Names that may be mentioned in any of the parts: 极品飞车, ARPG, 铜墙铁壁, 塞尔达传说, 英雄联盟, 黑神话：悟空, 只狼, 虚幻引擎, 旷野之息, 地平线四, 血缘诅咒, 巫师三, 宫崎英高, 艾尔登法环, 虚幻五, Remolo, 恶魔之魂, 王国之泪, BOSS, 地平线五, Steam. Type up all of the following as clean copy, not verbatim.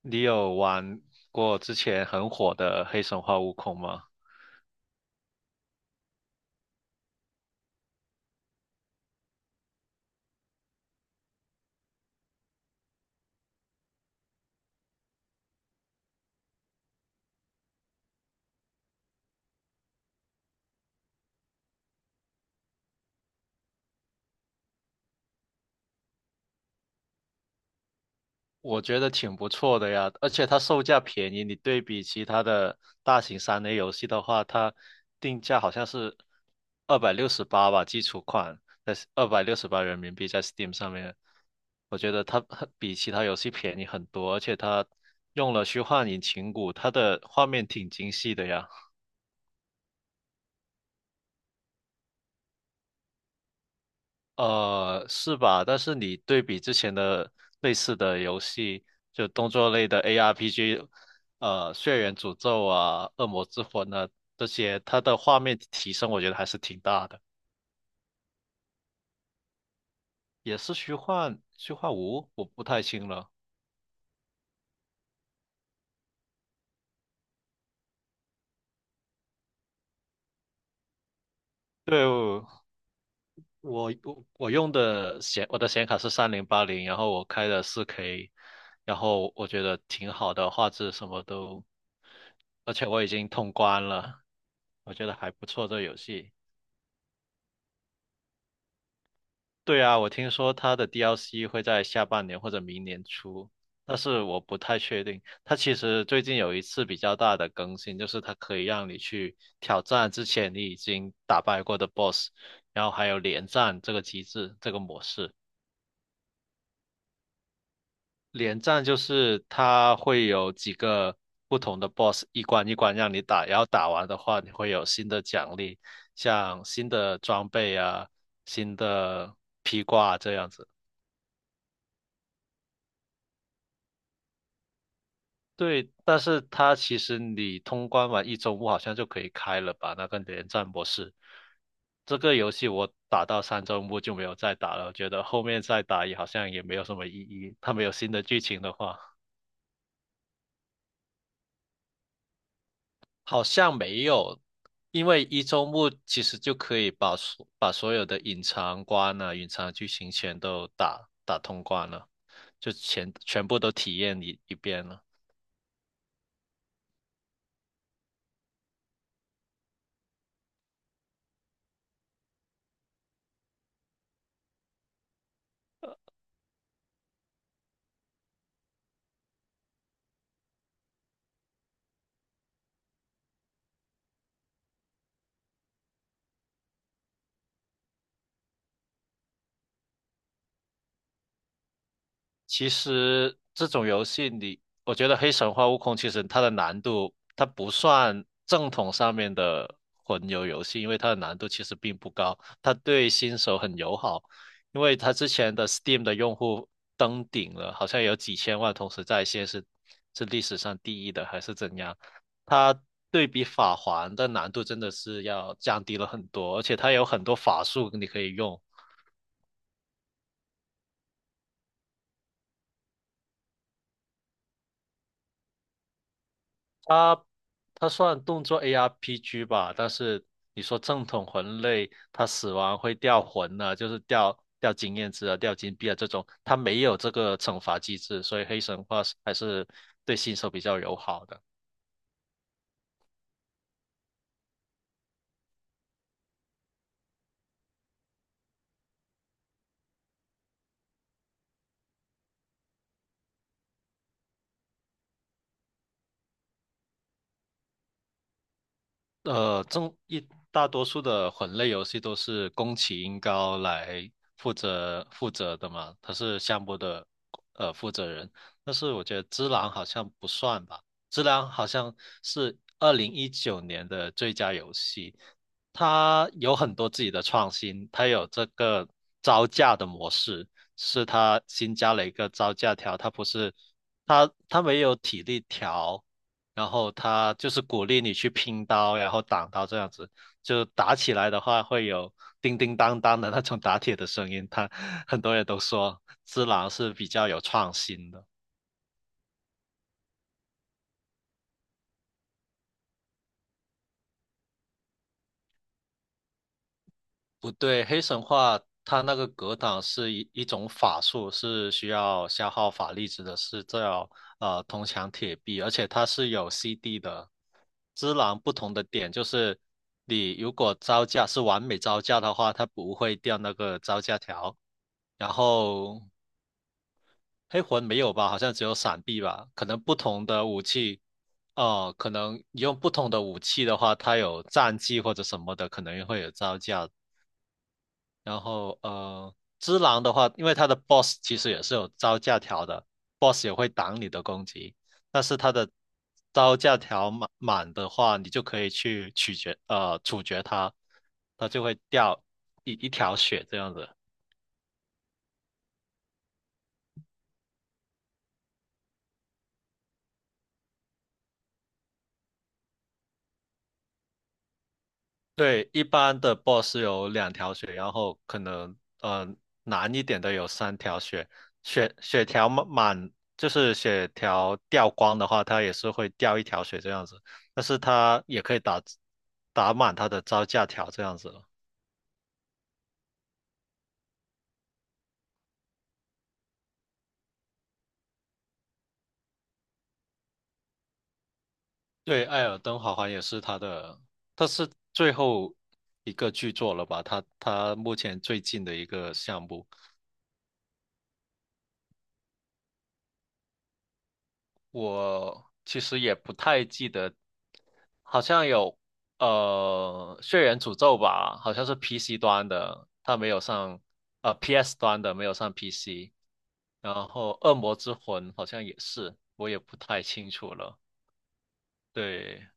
你有玩过之前很火的《黑神话：悟空》吗？我觉得挺不错的呀，而且它售价便宜，你对比其他的大型3A 游戏的话，它定价好像是二百六十八吧，基础款，在二百六十八人民币在 Steam 上面，我觉得它很比其他游戏便宜很多，而且它用了虚幻引擎骨它的画面挺精细的呀。是吧？但是你对比之前的类似的游戏，就动作类的 ARPG，《血缘诅咒》啊，《恶魔之魂》啊这些，它的画面提升我觉得还是挺大的。也是虚幻，虚幻五，我不太清了。对，我我用的显我的显卡是3080，然后我开的4K，然后我觉得挺好的，画质什么都，而且我已经通关了，我觉得还不错这游戏。对啊，我听说它的 DLC 会在下半年或者明年出，但是我不太确定。它其实最近有一次比较大的更新，就是它可以让你去挑战之前你已经打败过的 BOSS，然后还有连战这个机制，这个模式。连战就是它会有几个不同的 BOSS 一关一关让你打，然后打完的话你会有新的奖励，像新的装备啊、新的披挂啊这样子。对，但是它其实你通关完一周目好像就可以开了吧？那个连战模式，这个游戏我打到三周目就没有再打了，我觉得后面再打也好像也没有什么意义。它没有新的剧情的话，好像没有，因为一周目其实就可以把所有的隐藏关啊、隐藏剧情全都打通关了，就全部都体验一遍了。其实这种游戏你，我觉得《黑神话：悟空》其实它的难度，它不算正统上面的魂游游戏，因为它的难度其实并不高，它对新手很友好，因为它之前的 Steam 的用户登顶了，好像有几千万同时在线是历史上第一的还是怎样，它对比法环的难度真的是要降低了很多，而且它有很多法术你可以用。它它算动作 ARPG 吧，但是你说正统魂类，它死亡会掉魂呢、就是掉经验值啊、掉金币啊这种，它没有这个惩罚机制，所以黑神话是还是对新手比较友好的。中一大多数的魂类游戏都是宫崎英高来负责的嘛，他是项目的负责人。但是我觉得《只狼》好像不算吧，《只狼》好像是2019年的最佳游戏，它有很多自己的创新，它有这个招架的模式，是它新加了一个招架条，它不是它它没有体力条。然后他就是鼓励你去拼刀，然后挡刀这样子，就打起来的话会有叮叮当当的那种打铁的声音。他 很多人都说只狼是比较有创新的。不对，黑神话它那个格挡是一种法术，是需要消耗法力值的，是叫铜墙铁壁，而且它是有 CD 的。只狼不同的点就是，你如果招架是完美招架的话，它不会掉那个招架条。然后黑魂没有吧？好像只有闪避吧？可能不同的武器，哦、可能用不同的武器的话，它有战技或者什么的，可能会有招架然后只狼的话，因为它的 boss 其实也是有招架条的，boss 也会挡你的攻击，但是它的招架条满的话，你就可以去处决它，它就会掉一条血这样子。对，一般的 boss 有两条血，然后可能难一点的有三条血，血血条满满就是血条掉光的话，它也是会掉一条血这样子，但是它也可以打满它的招架条这样子了。对，《艾尔登法环》也是它的，它是最后一个剧作了吧？它目前最近的一个项目。我其实也不太记得，好像有《血缘诅咒》吧，好像是 PC 端的，它没有上PS 端的没有上 PC，然后《恶魔之魂》好像也是，我也不太清楚了。对，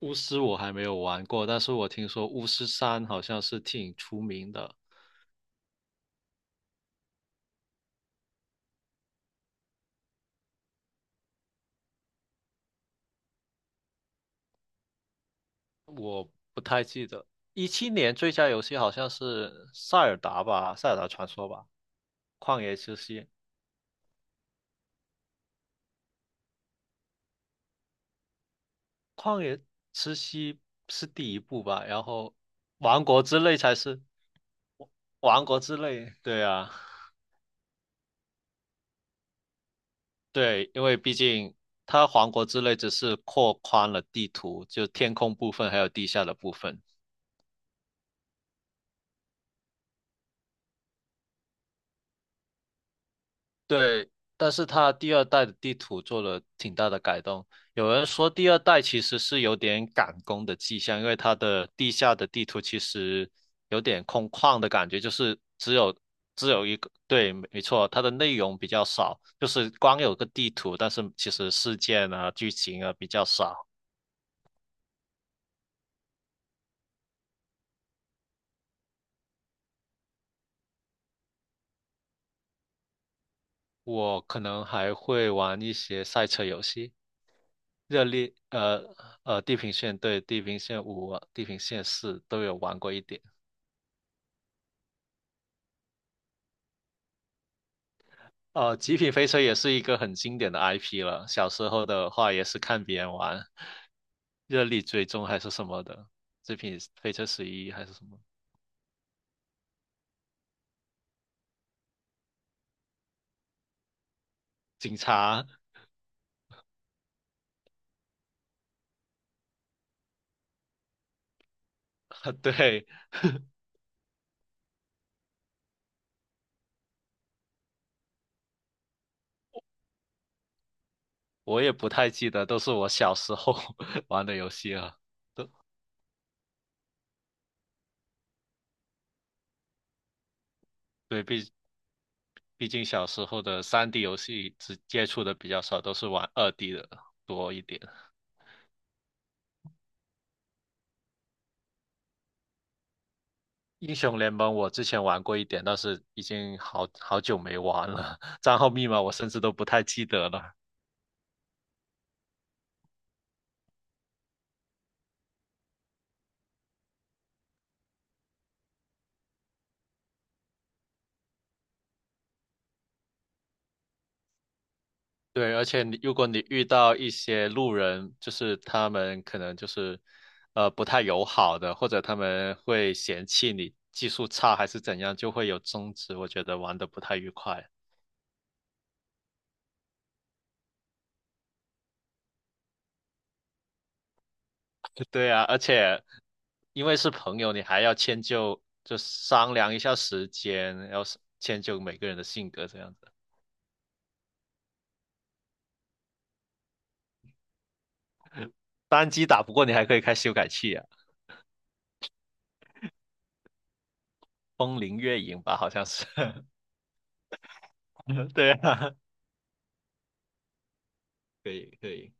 巫师我还没有玩过，但是我听说巫师3好像是挺出名的，我不太记得。17年最佳游戏好像是《塞尔达》吧，《塞尔达传说》吧，《旷野之息》。旷野之息是第一部吧，然后王国之泪才是王国之泪。对啊，对，因为毕竟它王国之泪只是扩宽了地图，就天空部分还有地下的部分。对，但是它第二代的地图做了挺大的改动。有人说第二代其实是有点赶工的迹象，因为它的地下的地图其实有点空旷的感觉，就是只有一个，对，没错，它的内容比较少，就是光有个地图，但是其实事件啊、剧情啊比较少。我可能还会玩一些赛车游戏，热力，地平线，对，地平线5啊、地平线4都有玩过一点。极品飞车也是一个很经典的 IP 了。小时候的话，也是看别人玩，热力追踪还是什么的，极品飞车11还是什么警察，对，我也不太记得，都是我小时候 玩的游戏了。对，毕竟小时候的3D 游戏只接触的比较少，都是玩2D 的多一点。英雄联盟我之前玩过一点，但是已经好久没玩了，账号密码我甚至都不太记得了。对，而且你如果你遇到一些路人，就是他们可能就是不太友好的，或者他们会嫌弃你技术差还是怎样，就会有争执。我觉得玩的不太愉快。对啊，而且因为是朋友，你还要迁就，就商量一下时间，要是迁就每个人的性格这样子。单机打不过，你还可以开修改器啊，风铃月影吧，好像是。对啊，可以可以。